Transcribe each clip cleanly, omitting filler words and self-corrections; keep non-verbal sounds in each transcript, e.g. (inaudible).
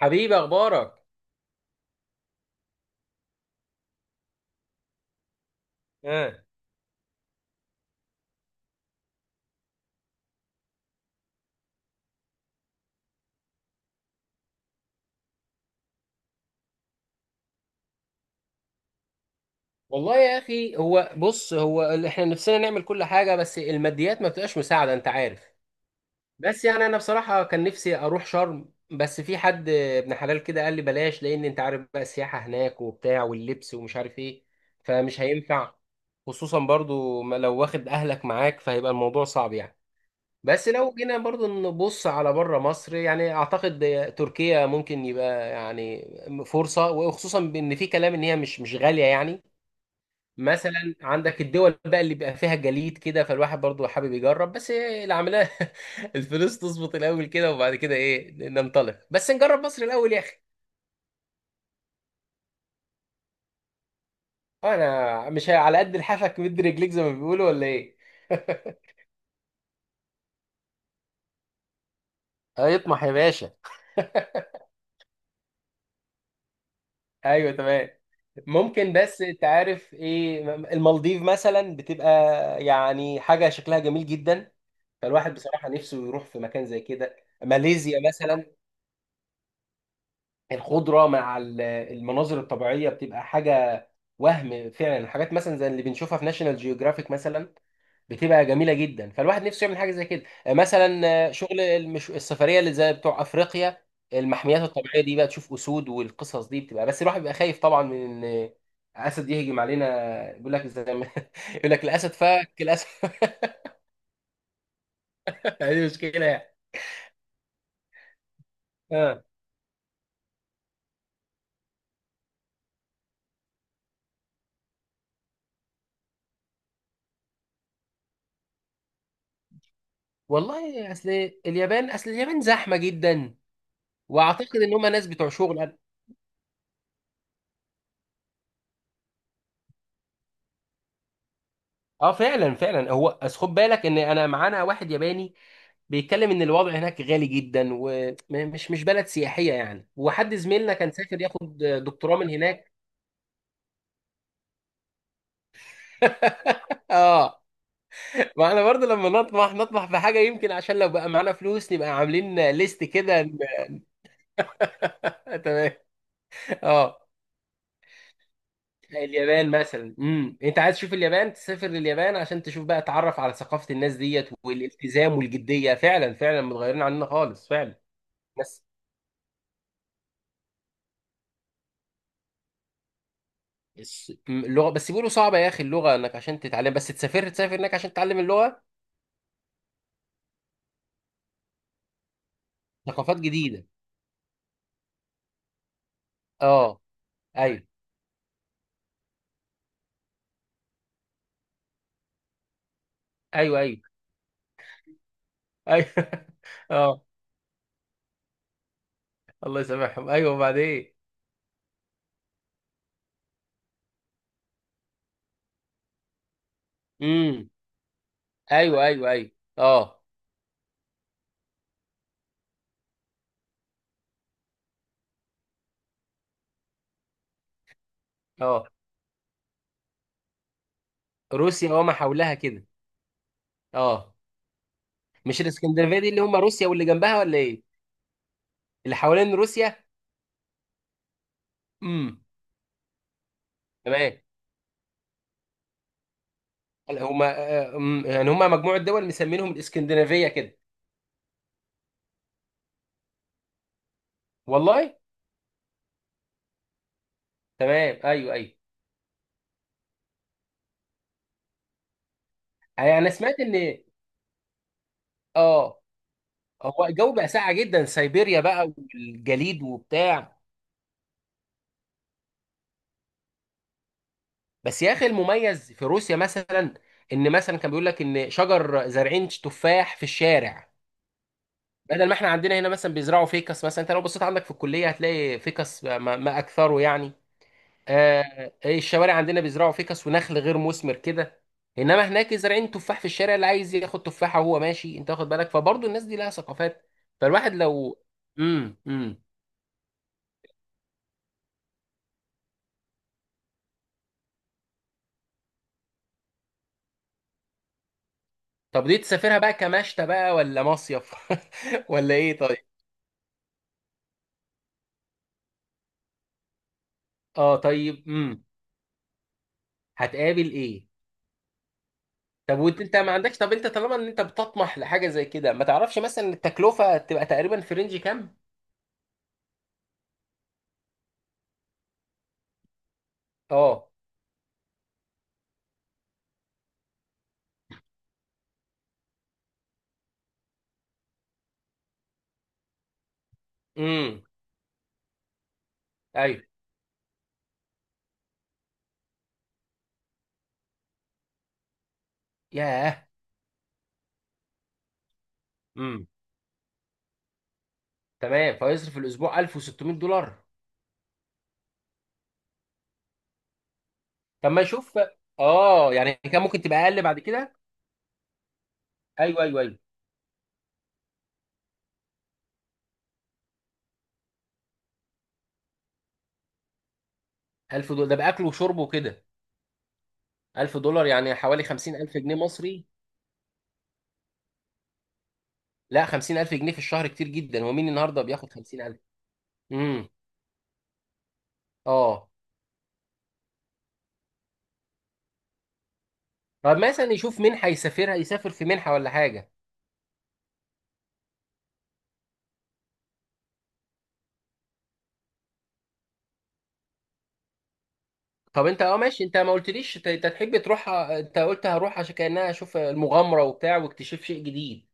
حبيبي اخبارك؟ اه. والله يا اخي، هو بص، احنا نفسنا نعمل كل حاجه، بس الماديات ما بتبقاش مساعده، انت عارف. بس يعني انا بصراحه كان نفسي اروح شرم، بس في حد ابن حلال كده قال لي بلاش، لان انت عارف بقى السياحه هناك وبتاع واللبس ومش عارف ايه، فمش هينفع. خصوصا برضو ما لو واخد اهلك معاك فهيبقى الموضوع صعب يعني. بس لو جينا برضو نبص على بره مصر، يعني اعتقد تركيا ممكن يبقى يعني فرصه، وخصوصا بان في كلام ان هي مش غاليه يعني. مثلا عندك الدول بقى اللي بيبقى فيها جليد كده، فالواحد برضو حابب يجرب، بس إيه العمليه. (laughs) الفلوس تظبط الاول كده، وبعد كده ايه ننطلق، بس نجرب مصر الاول يا اخي. انا مش على قد لحافك مد رجليك زي ما بيقولوا، ولا ايه؟ (laughs) هيطمح يا باشا. (laughs) ايوه تمام. ممكن، بس انت عارف ايه، المالديف مثلا بتبقى يعني حاجه شكلها جميل جدا، فالواحد بصراحه نفسه يروح في مكان زي كده. ماليزيا مثلا، الخضره مع المناظر الطبيعيه بتبقى حاجه، وهم فعلا الحاجات مثلا زي اللي بنشوفها في ناشونال جيوغرافيك مثلا بتبقى جميله جدا، فالواحد نفسه يعمل حاجه زي كده مثلا. شغل السفريه اللي زي بتوع افريقيا، المحميات الطبيعيه دي بقى، تشوف اسود والقصص دي بتبقى، بس الواحد بيبقى خايف طبعا من ان اسد يهجم علينا، بيقول لك زي ما (laughs) يقول لك الاسد فك الاسد. (laughs) دي مشكله يعني. اه. والله اصل اليابان، اصل اليابان زحمه جدا، واعتقد ان هم ناس بتوع شغل. اه فعلا فعلا، هو أصل خد بالك ان انا معانا واحد ياباني بيتكلم ان الوضع هناك غالي جدا، ومش مش بلد سياحيه يعني، وحد زميلنا كان سافر ياخد دكتوراه من هناك. اه. ما احنا برضه لما نطمح نطمح في حاجه، يمكن عشان لو بقى معانا فلوس نبقى عاملين ليست كده. (laughs) تمام. اه. اليابان مثلا، انت عايز تشوف اليابان، تسافر لليابان عشان تشوف بقى، تعرف على ثقافه الناس ديت والالتزام والجديه، فعلا فعلا متغيرين عننا خالص فعلا. بس اللغه بس بيقولوا صعبه يا اخي، اللغه انك عشان تتعلم، بس تسافر تسافر هناك عشان تتعلم اللغه. ثقافات جديده. اه. ايوه ايوه ايوه. ايوه. (laughs) اه، الله يسامحهم، ايوه وبعدين. امم ايوه ايوه ايوه. اه. اه، روسيا وما حولها كده. اه. مش الاسكندنافيه دي اللي هم روسيا واللي جنبها، ولا ايه؟ اللي حوالين روسيا. امم تمام. هم، يعني هم مجموعه دول مسمينهم الاسكندنافيه كده. والله. تمام، ايوه ايوه. يعني انا سمعت ان اه، هو الجو بقى ساقع جدا، سيبيريا بقى والجليد وبتاع. بس يا اخي المميز في روسيا مثلا، ان مثلا كان بيقول لك ان شجر زارعين تفاح في الشارع، بدل ما احنا عندنا هنا مثلا بيزرعوا فيكس، مثلا انت لو بصيت عندك في الكليه هتلاقي فيكس ما اكثره يعني. آه إيه، الشوارع عندنا بيزرعوا فيكس ونخل غير مثمر كده، انما هناك زارعين تفاح في الشارع، اللي عايز ياخد تفاحه وهو ماشي، انت واخد بالك، فبرضه الناس دي لها ثقافات. فالواحد لو، امم امم طب دي تسافرها بقى كمشتى بقى، ولا مصيف؟ (laughs) ولا ايه؟ طيب. اه طيب. هتقابل ايه؟ طب وانت انت ما عندكش، طب انت طالما ان انت بتطمح لحاجه زي كده، ما تعرفش مثلا التكلفه تبقى تقريبا في رينج كام؟ اه. امم ايوه. ياه. امم تمام، فيصرف في الاسبوع $1600؟ طب ما يشوف. اه، يعني كان ممكن تبقى اقل بعد كده. ايوه ايوه ايوه. $1000 ده باكل وشرب وكده؟ $1000 يعني حوالي 50,000 جنيه مصري. لا 50,000 جنيه في الشهر كتير جدا، ومين النهارده بياخد 50,000؟ امم اه. طب مثلا يشوف منحه، يسافرها يسافر في منحه ولا حاجه. طب انت اه ماشي، انت ما قلتليش انت، انت تحب تروح، انت قلت هروح عشان كأنها اشوف المغامرة وبتاع واكتشاف شيء جديد،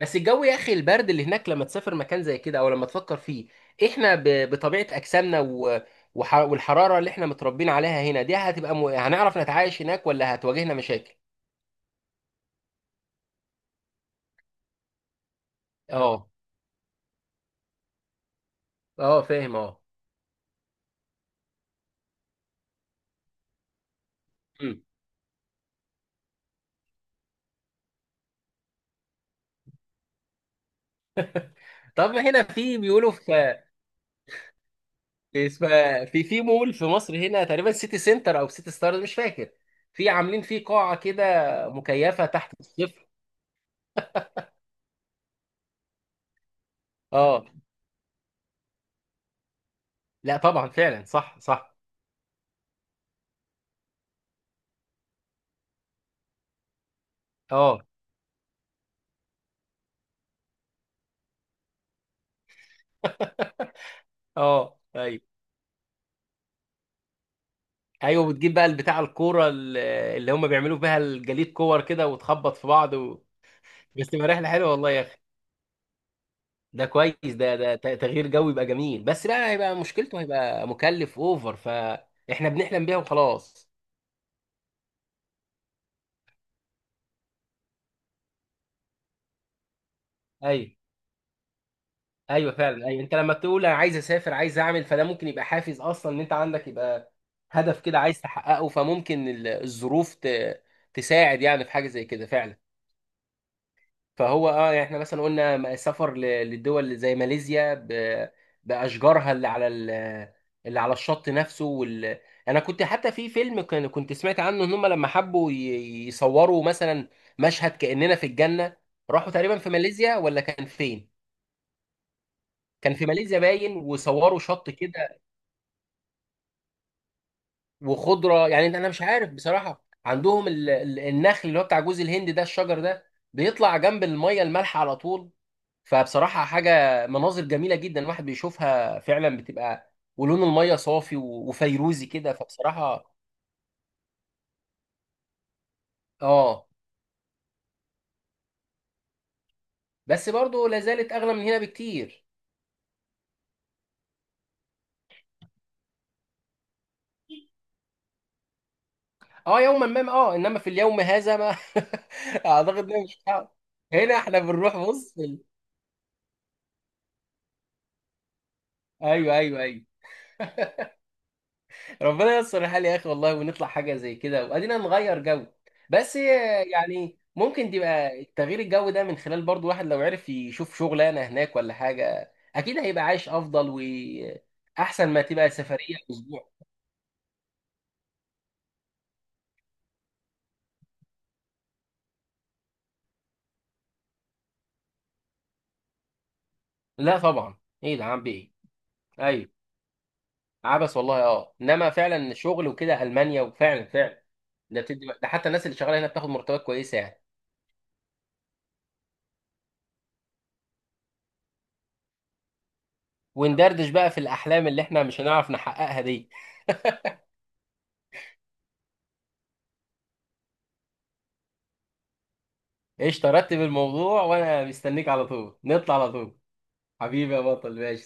بس الجو يا اخي، البرد اللي هناك لما تسافر مكان زي كده، او لما تفكر فيه، احنا بطبيعة اجسامنا والحرارة اللي احنا متربيين عليها هنا دي هتبقى هنعرف نتعايش هناك، ولا هتواجهنا مشاكل؟ اه. اه فاهم اه. مم. طب هنا في بيقولوا، في في في مول في مصر هنا تقريبا، سيتي سنتر او سيتي ستارز مش فاكر، في عاملين فيه قاعة كده مكيفة تحت الصفر. اه. لا طبعا، فعلا صح صح. اه. (laughs) اه ايوه ايوه. بتجيب بقى البتاع الكوره اللي هم بيعملوا بيها الجليد كور كده، وتخبط في بعض بس تبقى رحله حلوه والله يا اخي. ده كويس، ده ده تغيير جو يبقى جميل، بس لا هيبقى مشكلته هيبقى مكلف اوفر، فاحنا بنحلم بيها وخلاص. ايوه. ايوه فعلا، ايوه انت لما تقول انا عايز اسافر، عايز اعمل، فده ممكن يبقى حافز اصلا، ان انت عندك يبقى هدف كده عايز تحققه، فممكن الظروف تساعد يعني في حاجه زي كده فعلا. فهو اه، يعني احنا مثلا قلنا سفر للدول زي ماليزيا باشجارها اللي على اللي على الشط نفسه انا كنت حتى في كنت سمعت عنه ان هم لما حبوا يصوروا مثلا مشهد كاننا في الجنه، راحوا تقريبا في ماليزيا ولا كان فين، كان في ماليزيا باين، وصوروا شط كده وخضره. يعني انا مش عارف بصراحه، عندهم النخل اللي هو بتاع جوز الهند ده، الشجر ده بيطلع جنب الميه المالحه على طول، فبصراحة حاجة مناظر جميلة جدا الواحد بيشوفها فعلا، بتبقى ولون المية صافي وفيروزي كده، فبصراحة اه. بس برضه لا زالت أغلى من هنا بكتير. اه يوما ما، اه، انما في اليوم هذا ما، (laughs) اعتقد ان مش. هنا احنا بنروح بص في ايوه ايوه ايوه. ربنا ييسر الحال يا اخي والله، ونطلع حاجه زي كده، وادينا نغير جو. بس يعني ممكن تبقى تغيير الجو ده من خلال برضو، واحد لو عرف يشوف شغلانه هناك ولا حاجه، اكيد هيبقى عايش افضل واحسن ما تبقى سفريه اسبوع. لا طبعا. ايه ده عم بايه؟ ايوه، عبس والله. اه انما فعلا الشغل وكده، المانيا، وفعلا فعلا ده بتدي، ده حتى الناس اللي شغاله هنا بتاخد مرتبات كويسه يعني. وندردش بقى في الاحلام اللي احنا مش هنعرف نحققها دي. ايش ترتب الموضوع وانا مستنيك، على طول نطلع على طول. حبيبي يا بطل، ماشي.